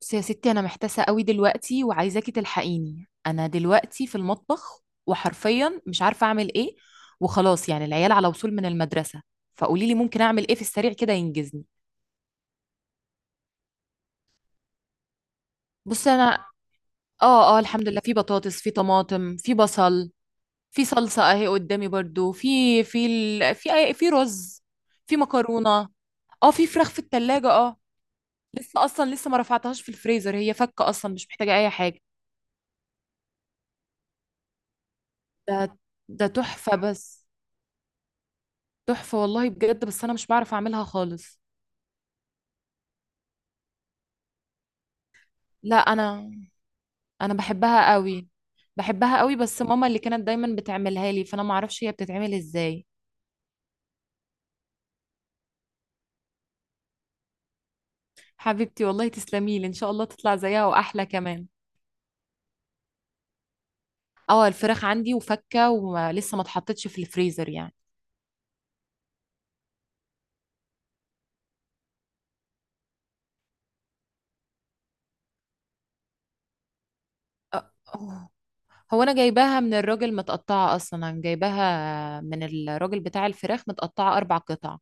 بس يا ستي، انا محتاسه قوي دلوقتي وعايزاكي تلحقيني. انا دلوقتي في المطبخ وحرفيا مش عارفه اعمل ايه. وخلاص يعني العيال على وصول من المدرسه، فقولي لي ممكن اعمل ايه في السريع كده ينجزني. بصي انا، اه اه، الحمد لله، في بطاطس، في طماطم، في بصل. في صلصه اهي قدامي برضو، في رز، في مكرونه. اه، في فراخ في التلاجة. اه، لسه ما رفعتهاش في الفريزر، هي فكه اصلا، مش محتاجه اي حاجه. ده ده تحفه. بس تحفة والله بجد، بس انا مش بعرف اعملها خالص. لا، انا بحبها قوي. بحبها قوي، بس ماما اللي كانت دايما بتعملها لي، فانا ما اعرفش هي بتتعمل ازاي. حبيبتي والله تسلمي لي، ان شاء الله تطلع زيها واحلى كمان. اه، الفراخ عندي وفكة ولسه ما اتحطتش في الفريزر يعني. أه، أوه. هو انا جايباها من الراجل متقطعة اصلا، انا جايباها من الراجل بتاع الفراخ متقطعة 4 قطع.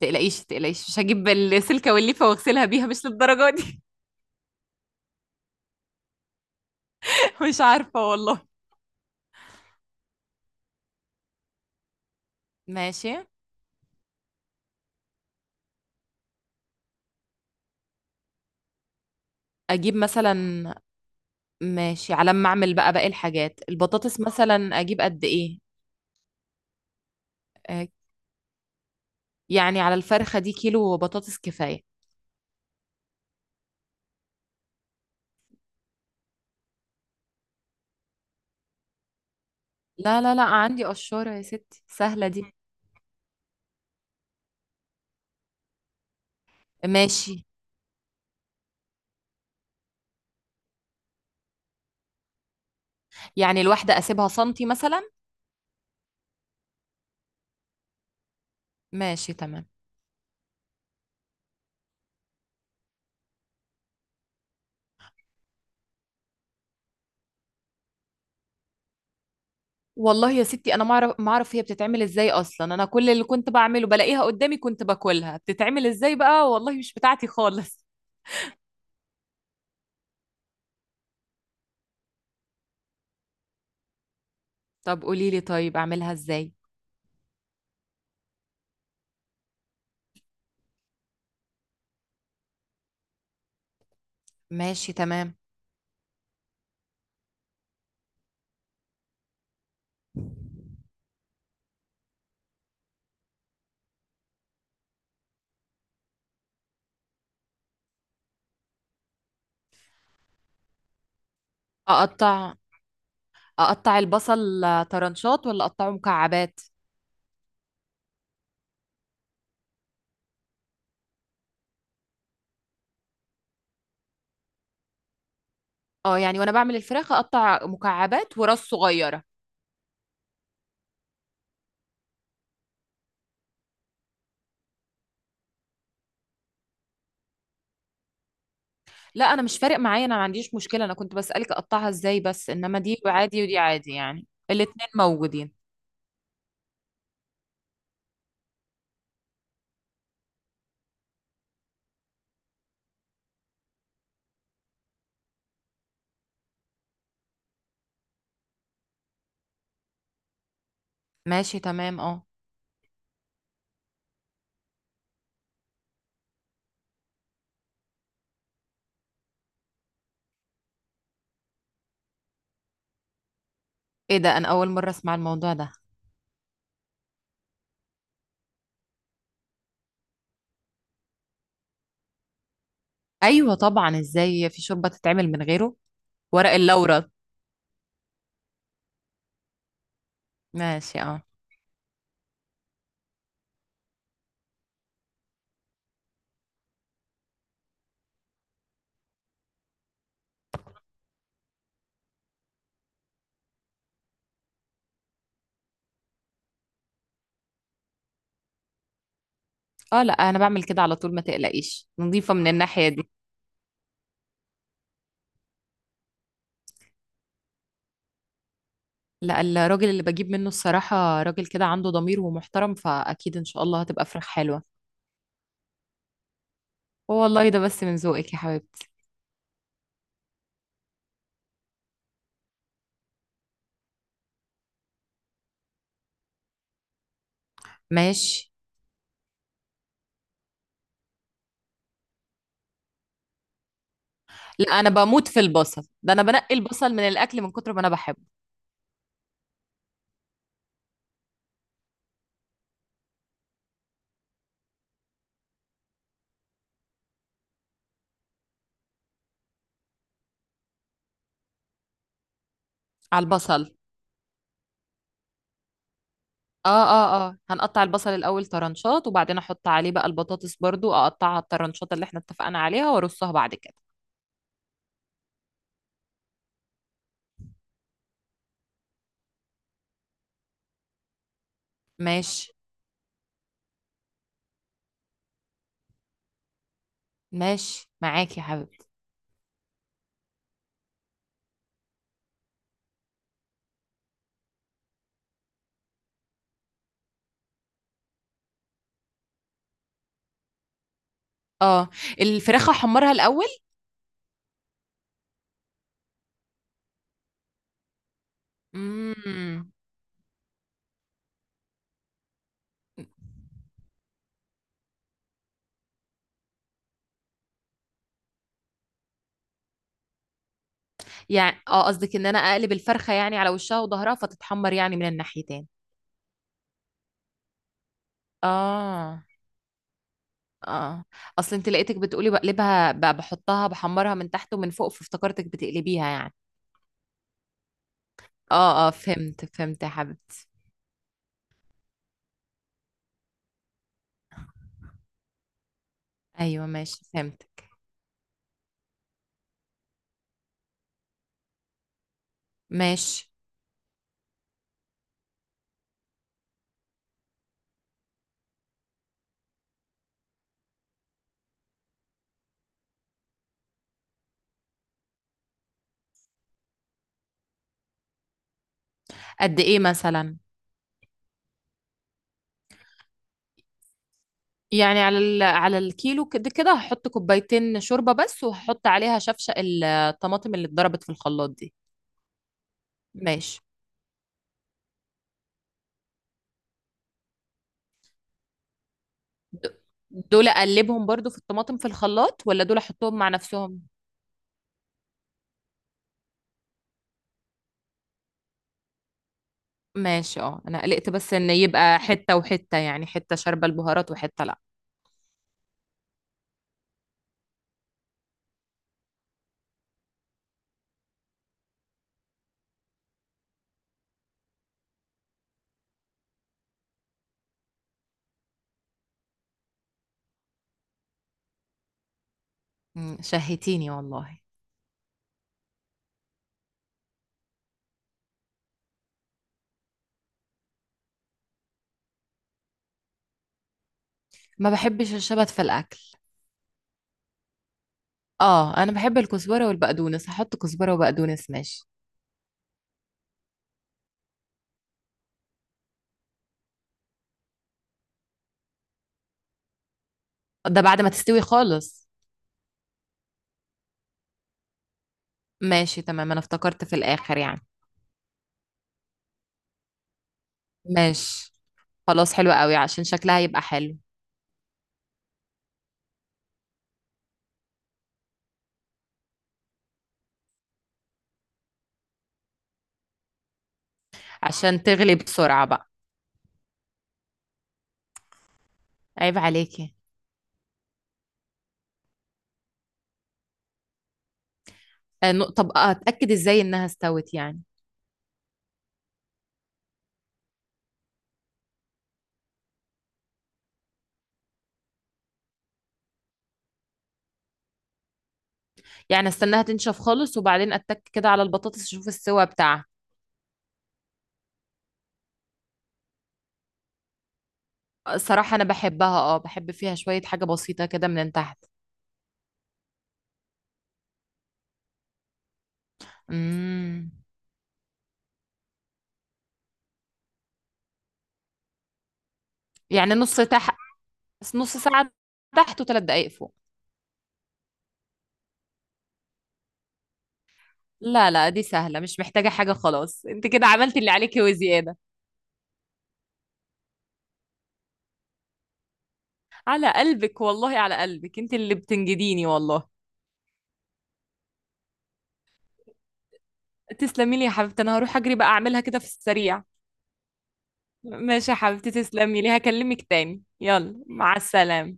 تقلقيش تقلقيش، مش هجيب السلكة والليفة واغسلها بيها، مش للدرجة دي. مش عارفة والله. ماشي. اجيب مثلا ماشي، على ما اعمل بقى باقي الحاجات، البطاطس مثلا اجيب قد ايه؟ آه، يعني على الفرخة دي كيلو بطاطس كفاية. لا لا لا، عندي قشورة يا ستي، سهلة دي. ماشي. يعني الواحدة اسيبها سنتي مثلا. ماشي تمام. والله يا ستي انا ما اعرف ما اعرف هي بتتعمل ازاي اصلا. انا كل اللي كنت بعمله بلاقيها قدامي، كنت باكلها، بتتعمل ازاي بقى والله؟ مش بتاعتي خالص. طب قولي لي طيب اعملها ازاي. ماشي تمام. اقطع اقطع البصل آه، طرنشات ولا اقطعه مكعبات؟ اه، يعني وانا بعمل الفراخ اقطع مكعبات وراس صغيره. لا، انا مش فارق معايا، انا ما عنديش مشكله، انا كنت بسالك اقطعها ازاي بس، انما دي عادي ودي عادي يعني، الاتنين موجودين. ماشي تمام. اه، ايه ده! انا اول مره اسمع الموضوع ده. ايوه طبعا، ازاي في شوربه تتعمل من غيره! ورق اللورا. ماشي اه. اه، لا انا بعمل كده على طول، ما تقلقيش، نظيفه من الناحيه دي. لا، الراجل اللي بجيب منه الصراحة راجل كده عنده ضمير ومحترم، فأكيد إن شاء الله هتبقى فراخ حلوة. والله ده بس من ذوقك يا حبيبتي. ماشي. لا، أنا بموت في البصل، ده أنا بنقي البصل من الأكل من كتر ما أنا بحبه. على البصل. اه اه اه، هنقطع البصل الأول طرنشات وبعدين أحط عليه بقى البطاطس، برضو أقطعها الطرنشات اللي احنا اتفقنا عليها وأرصها بعد كده. ماشي. ماشي معاك يا حبيبتي. اه، الفراخ أحمرها الأول؟ مم. يعني قصدك ان انا اقلب الفرخه يعني على وشها وظهرها فتتحمر يعني من الناحيتين؟ اه اه، اصل انت لقيتك بتقولي بقلبها بحطها بحمرها من تحت ومن فوق، فافتكرتك بتقلبيها يعني. اه اه، فهمت فهمت يا حبيبتي. ايوه ماشي، فهمتك. ماشي. قد ايه مثلا؟ يعني على الكيلو كده، كده هحط كوبايتين شوربه بس وهحط عليها شفشق الطماطم اللي اتضربت في الخلاط دي. ماشي. د- دول اقلبهم برضو في الطماطم في الخلاط، ولا دول احطهم مع نفسهم؟ ماشي اه، انا قلقت بس ان يبقى حتة وحتة يعني، حتة شاربة البهارات وحتة لا. مم، شهيتيني والله. ما بحبش الشبت في الاكل. اه، انا بحب الكزبرة والبقدونس، هحط كزبرة وبقدونس. ماشي. ده بعد ما تستوي خالص؟ ماشي تمام، انا افتكرت في الاخر يعني. ماشي. خلاص، حلو قوي عشان شكلها يبقى حلو. عشان تغلي بسرعة بقى. عيب عليكي. آه، طب اتاكد ازاي انها استوت يعني؟ يعني استناها تنشف خالص وبعدين اتك كده على البطاطس اشوف السوا بتاعها. الصراحة أنا بحبها، بحب فيها شوية حاجة بسيطة كده من تحت. امم. يعني نص تحت، نص ساعة تحت وثلاث دقايق فوق. لا لا، دي سهلة، مش محتاجة حاجة، خلاص انت كده عملتي اللي عليكي وزيادة. على قلبك والله، على قلبك، انت اللي بتنجديني والله. تسلمي لي يا حبيبتي، أنا هروح أجري بقى أعملها كده في السريع. ماشي يا حبيبتي، تسلمي لي، هكلمك تاني، يلا مع السلامة.